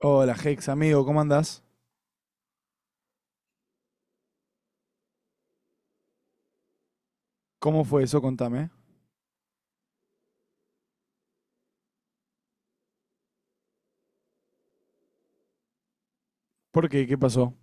Hola, Hex, amigo, ¿cómo andás? ¿Cómo fue eso? Contame. ¿Por qué? ¿Qué pasó?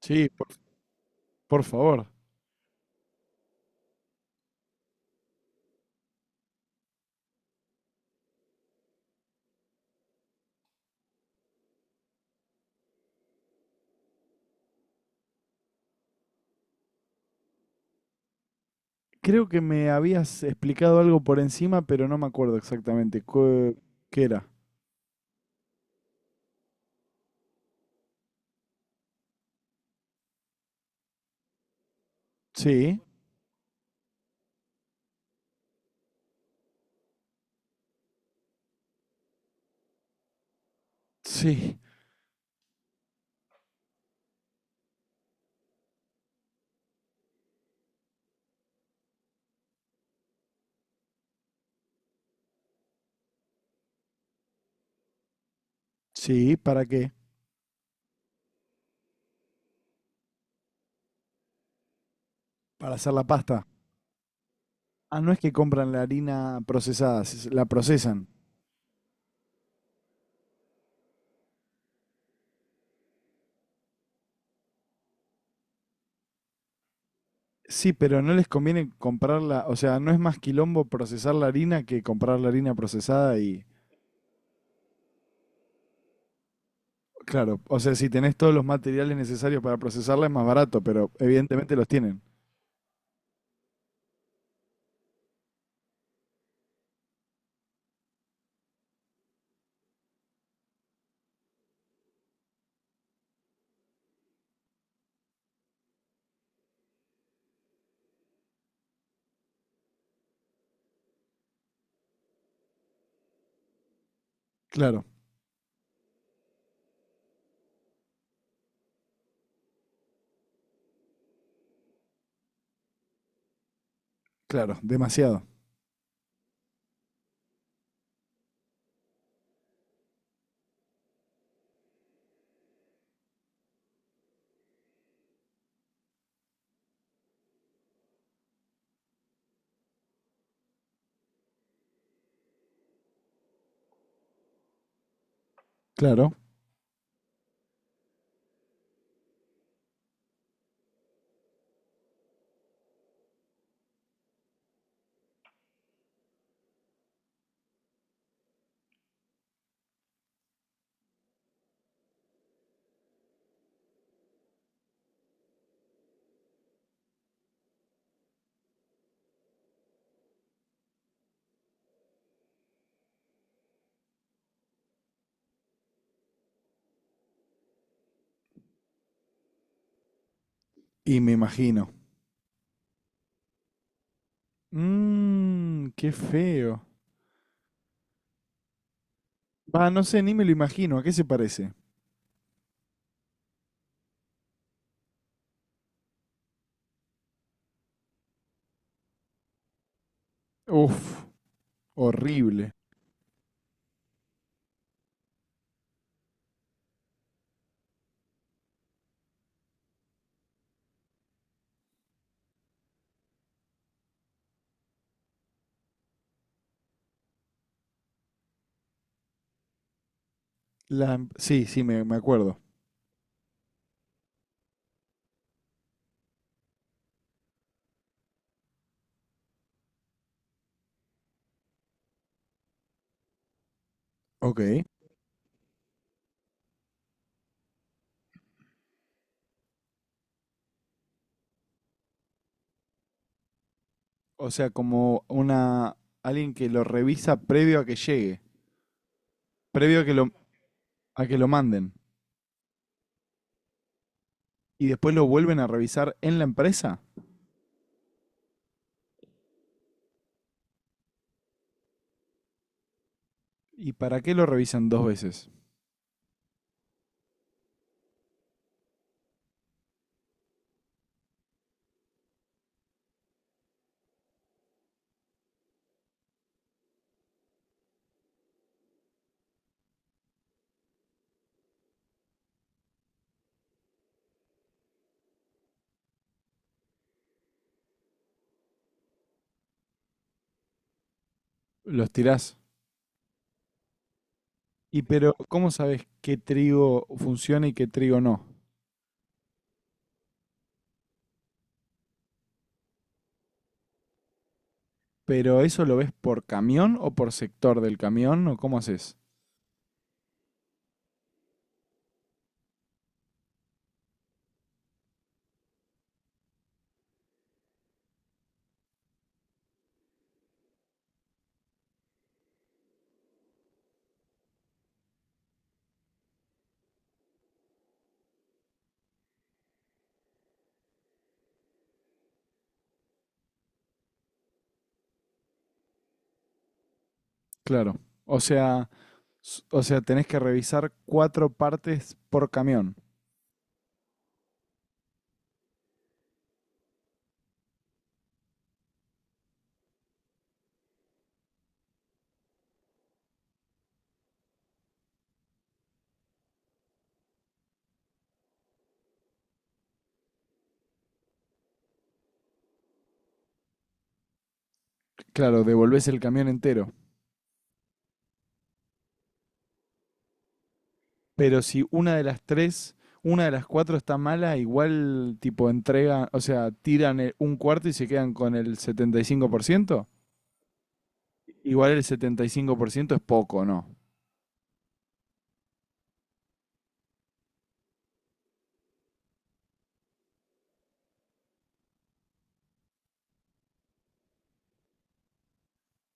Sí, por favor. Creo que me habías explicado algo por encima, pero no me acuerdo exactamente. ¿Cu-? ¿Qué era? Sí, sí, sí, ¿para qué? Para hacer la pasta. Ah, no es que compran la harina procesada, si se- la procesan. Sí, pero no les conviene comprarla, o sea, no es más quilombo procesar la harina que comprar la harina procesada y... Claro, o sea, si tenés todos los materiales necesarios para procesarla es más barato, pero evidentemente los tienen. Claro, claro, demasiado. Claro. Y me imagino. Mmm, qué feo. Ah, no sé, ni me lo imagino. ¿A qué se parece? Uf, horrible. Sí, sí, me acuerdo. Ok. O sea, como una alguien que lo revisa previo a que llegue, previo a que lo manden y después lo vuelven a revisar en la empresa. ¿Y para qué lo revisan dos veces? Los tirás. Y pero, ¿cómo sabes qué trigo funciona y qué trigo no? ¿Pero eso lo ves por camión o por sector del camión o cómo haces? Claro. O sea, s- o sea, tenés que revisar cuatro partes por camión. Claro, devolvés el camión entero. Pero si una de las tres, una de las cuatro está mala, igual tipo entrega, o sea, tiran el- un cuarto y se quedan con el 75%. Igual el 75% es poco, ¿no?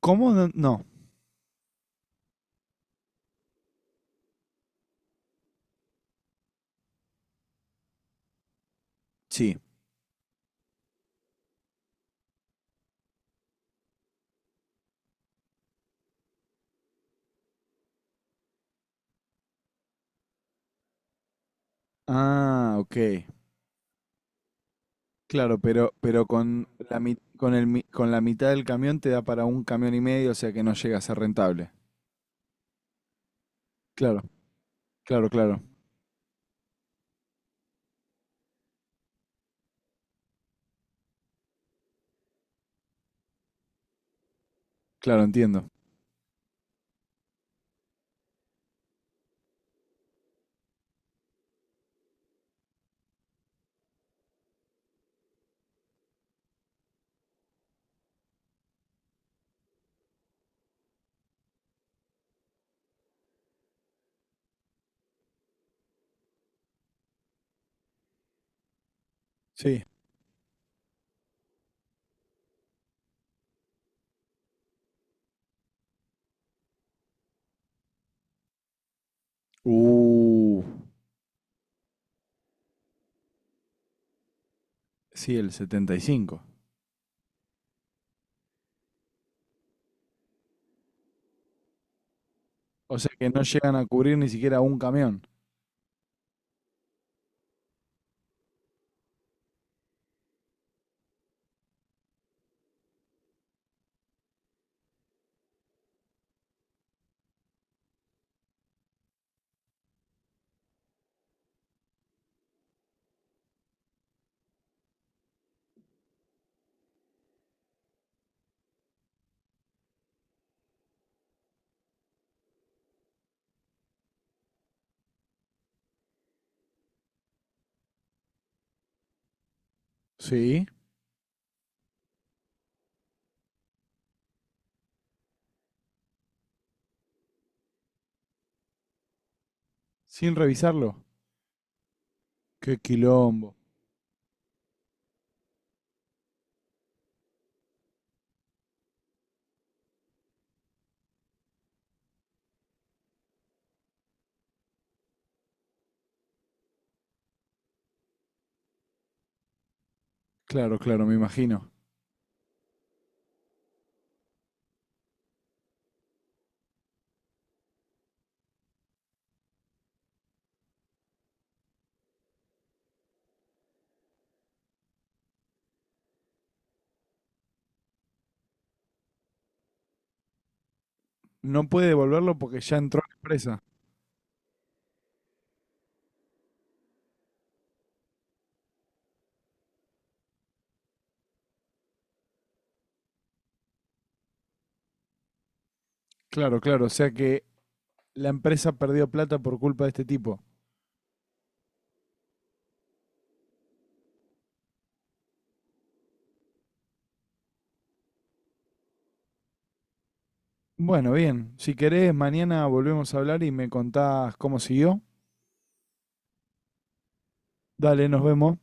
¿Cómo? No. No. Sí. Ah, ok. Claro, pero con con con la mitad del camión te da para un camión y medio, o sea que no llega a ser rentable. Claro, claro, claro, claro, entiendo. Sí. Uh, sí, el 75. O sea que no llegan a cubrir ni siquiera un camión. Sí. Sin revisarlo. Qué quilombo. Claro, claro, me imagino. No puede devolverlo porque ya entró la empresa. Claro, claro, o sea que la empresa perdió plata por culpa de este tipo. Bueno, bien. Si querés, mañana volvemos a hablar y me contás cómo siguió. Dale, nos vemos.